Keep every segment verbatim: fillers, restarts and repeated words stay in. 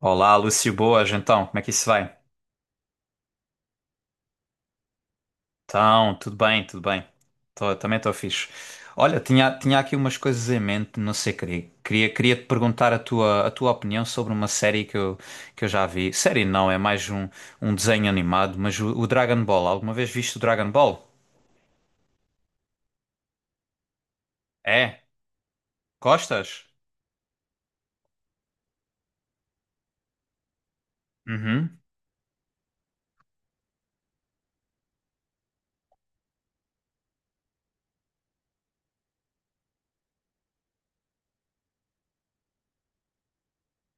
Olá, Lúcio, boas, então, como é que isso vai? Então, tudo bem, tudo bem. Tô- também estou fixe. Olha, tinha, tinha aqui umas coisas em mente, não sei, queria, queria, queria te perguntar a tua, a tua opinião sobre uma série que eu, que eu já vi. Série não, é mais um, um desenho animado, mas o, o Dragon Ball, alguma vez viste o Dragon Ball? É? Gostas? Uhum,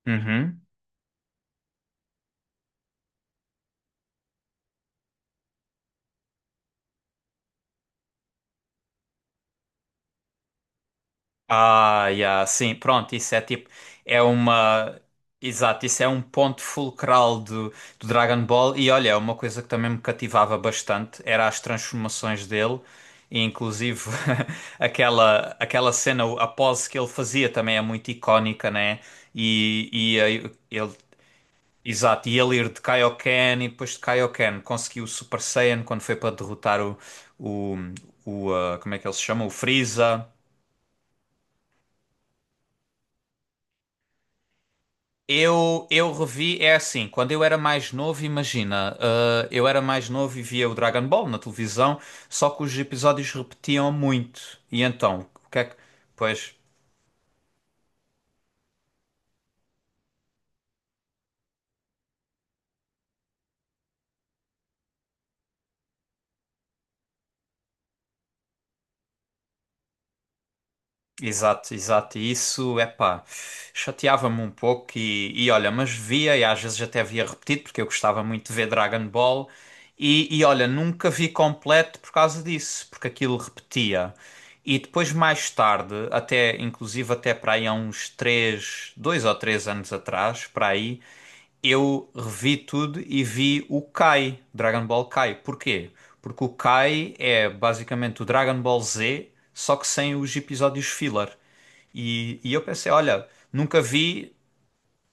uhum. Ah, yeah, sim, pronto, isso é tipo, é uma, exato, isso é um ponto fulcral do, do Dragon Ball e olha, é uma coisa que também me cativava bastante era as transformações dele e inclusive aquela, aquela cena, a pose que ele fazia também é muito icónica, né? E, e aí ele, exato, e ele ir de Kaioken e depois de Kaioken conseguiu o Super Saiyan quando foi para derrotar o, o, o ah, como é que ele se chama? O Freeza. Eu, eu revi, é assim, quando eu era mais novo, imagina, ah, eu era mais novo e via o Dragon Ball na televisão, só que os episódios repetiam muito. E então, o que é que. Pois, exato, exato. E isso, epá, chateava-me um pouco e, e olha, mas via e às vezes até via repetido porque eu gostava muito de ver Dragon Ball e, e olha, nunca vi completo por causa disso, porque aquilo repetia. E depois mais tarde, até inclusive até para aí há uns três, dois ou três anos atrás, para aí, eu revi tudo e vi o Kai, Dragon Ball Kai. Porquê? Porque o Kai é basicamente o Dragon Ball Z, só que sem os episódios filler. E, e eu pensei, olha, nunca vi,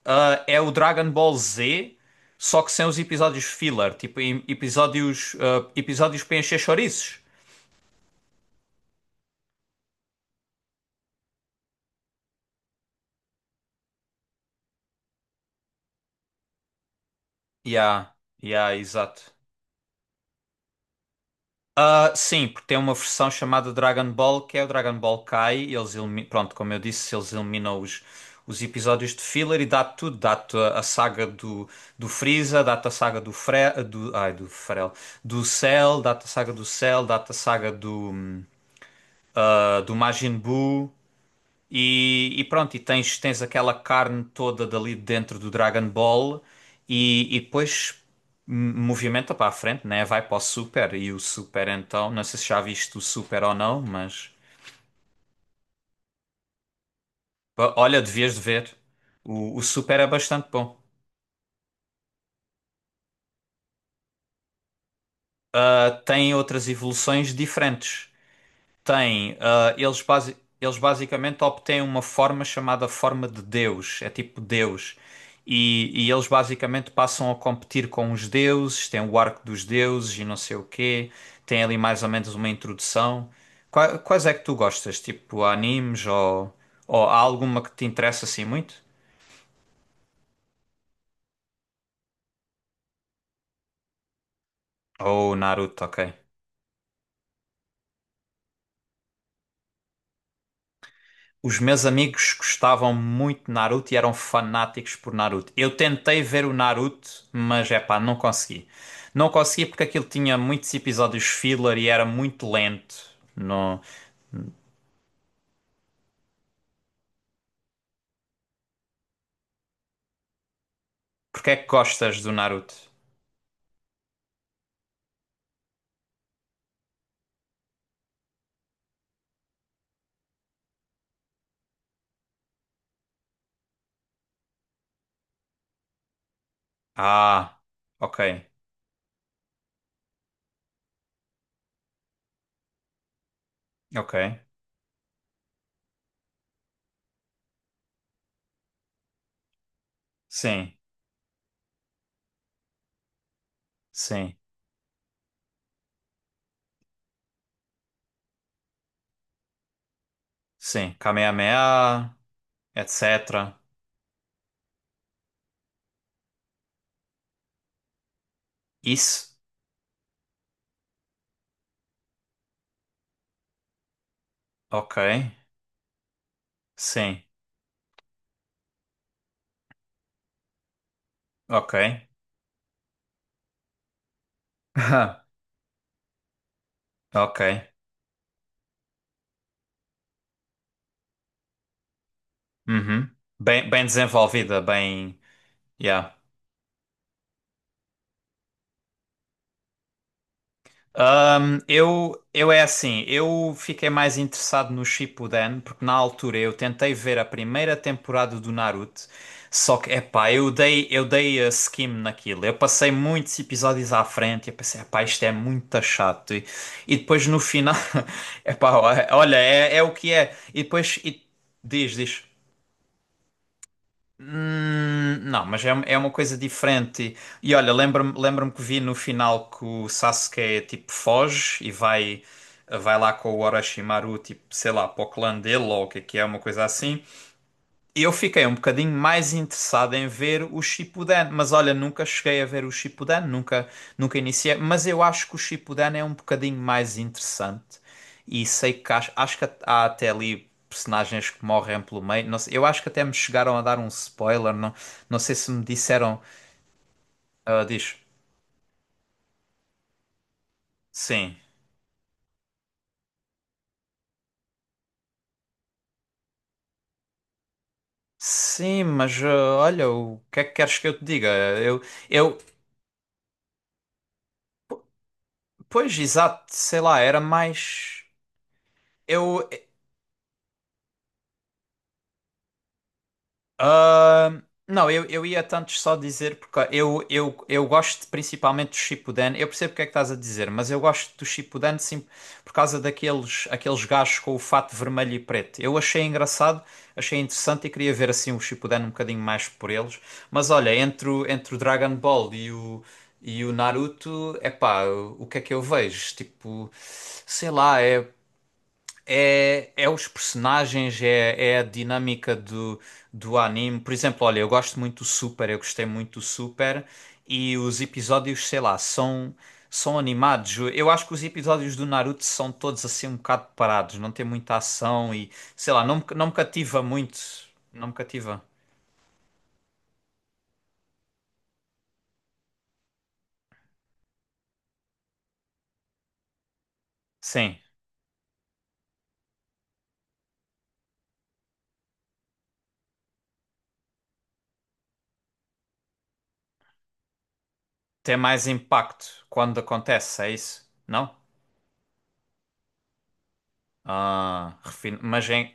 ah, é o Dragon Ball Z, só que sem os episódios filler, tipo em- episódios, ah, episódios para encher chouriços. Yeah, yeah, exato. Ah, sim, porque tem uma versão chamada Dragon Ball, que é o Dragon Ball Kai. e Eles elimi- Pronto, como eu disse, eles eliminam os, os episódios de filler e dá tudo. Dá-te a, a saga do, do Freeza, dá-te a saga do Fre... do, ai, do Frel, do Cell, dá-te a saga do Cell, dá-te a saga do, hum, ah, do Majin Buu. E, e pronto, e tens, tens aquela carne toda dali dentro do Dragon Ball e, e depois m- movimenta para a frente, né? Vai para o Super e o Super então, não sei se já viste o Super ou não, mas pá, olha, devias de ver. O, o Super é bastante bom. Ah, tem outras evoluções diferentes. Tem, ah, eles, basi- eles basicamente obtêm uma forma chamada forma de Deus, é tipo Deus. E, e eles basicamente passam a competir com os deuses, tem o arco dos deuses e não sei o quê, tem ali mais ou menos uma introdução. Qua- Quais é que tu gostas? Tipo animes ou, ou há alguma que te interessa assim muito? Ou Naruto, ok. Os meus amigos gostavam muito de Naruto e eram fanáticos por Naruto. Eu tentei ver o Naruto, mas é pá, não consegui. Não consegui porque aquilo tinha muitos episódios filler e era muito lento. Não. Porque é que gostas do Naruto? Ah, ok, ok. Sim, sim, sim. Kamehameha, etcétera. Isso? Ok, sim, ok. Ok, uhum. Bem, bem desenvolvida, bem. Yeah. Ahm, eu, eu é assim, eu fiquei mais interessado no Shippuden, porque na altura eu tentei ver a primeira temporada do Naruto, só que, epá, eu dei, eu dei a skim naquilo, eu passei muitos episódios à frente e eu pensei, epá, isto é muito chato, e, e depois no final, epá, olha, é, é o que é, e depois, e- diz, diz. Hum, não, mas é, é uma coisa diferente. E olha, lembra-me lembra-me que vi no final que o Sasuke tipo foge e vai vai lá com o Orochimaru, tipo, sei lá, para o clã dele ou o que é que é, uma coisa assim. Eu fiquei um bocadinho mais interessado em ver o Shippuden, mas olha, nunca cheguei a ver o Shippuden, nunca, nunca iniciei, mas eu acho que o Shippuden é um bocadinho mais interessante. E sei que acho, acho que há até ali personagens que morrem pelo meio, não sei, eu acho que até me chegaram a dar um spoiler, não, não sei se me disseram, ah, diz, sim. Sim, mas eh, olha, o que é que queres que eu te diga? Eu, eu, pois, exato, sei lá, era mais. Eu, Ah, não, eu, eu ia tanto só dizer porque eu, eu, eu gosto principalmente do Shippuden. Eu percebo o que é que estás a dizer, mas eu gosto do Shippuden sim, por causa daqueles aqueles gajos com o fato vermelho e preto. Eu achei engraçado, achei interessante e queria ver assim o Shippuden um bocadinho mais por eles. Mas olha, entre o, entre o Dragon Ball e o, e o Naruto, é pá, o que é que eu vejo? Tipo, sei lá, é. É, é os personagens, é, é a dinâmica do, do anime. Por exemplo, olha, eu gosto muito do Super, eu gostei muito do Super, e os episódios, sei lá, são, são animados. Eu acho que os episódios do Naruto são todos assim um bocado parados, não tem muita ação e, sei lá, não, me- não me cativa muito. Não me cativa. Sim, tem mais impacto quando acontece, é isso? Não? Ah, refin- mas em-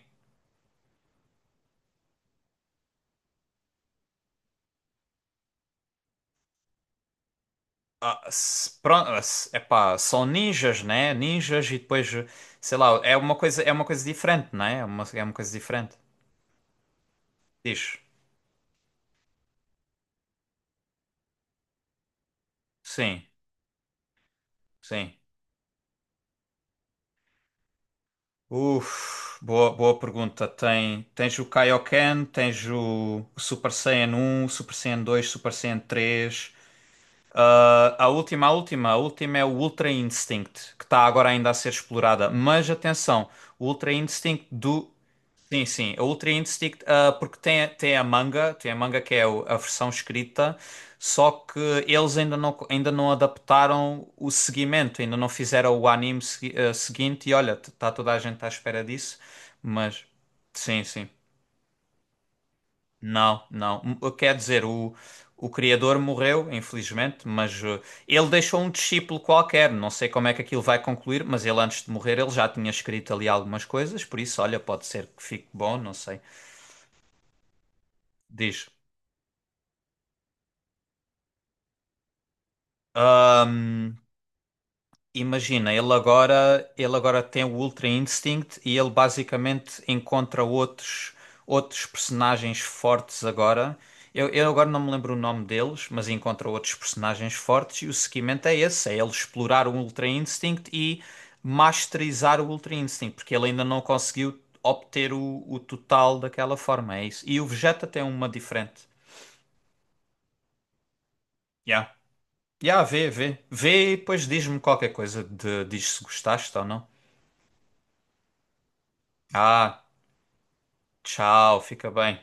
Ah, s- pronto, epá, são ninjas, né? Ninjas e depois, sei lá, é uma coisa, é uma coisa diferente, né? É uma, é uma coisa diferente. Diz. Sim, sim. Uf, boa, boa pergunta. Tem, tens o Kaioken, tens o Super Saiyan um, Super Saiyan dois, Super Saiyan três. A, a última, a última, a última é o Ultra Instinct, que está agora ainda a ser explorada. Mas atenção, o Ultra Instinct do. Sim, sim. O Ultra Instinct, ah, porque tem, tem a manga, tem a manga que é o- a versão escrita, só que eles ainda não, ainda não adaptaram o seguimento, ainda não fizeram o anime segui- ah, seguinte, e olha, está toda a gente à espera disso, mas sim, sim. Não, não. M- ah, Quer dizer, o, o criador morreu, infelizmente, mas eh, ele deixou um discípulo qualquer. Não sei como é que aquilo vai concluir, mas ele antes de morrer ele já tinha escrito ali algumas coisas, por isso, olha, pode ser que fique bom, não sei. Diz. Ahm, imagina, ele agora, ele agora tem o Ultra Instinct e ele basicamente encontra outros, outros personagens fortes agora. Eu, eu agora não me lembro o nome deles, mas encontra outros personagens fortes e o seguimento é esse, é ele explorar o Ultra Instinct e masterizar o Ultra Instinct, porque ele ainda não conseguiu obter o, o total daquela forma, é isso. E o Vegeta tem uma diferente. Yeah. Yeah, vê, vê. Vê e depois diz-me qualquer coisa de, diz se gostaste ou não. Ah, tchau, fica bem.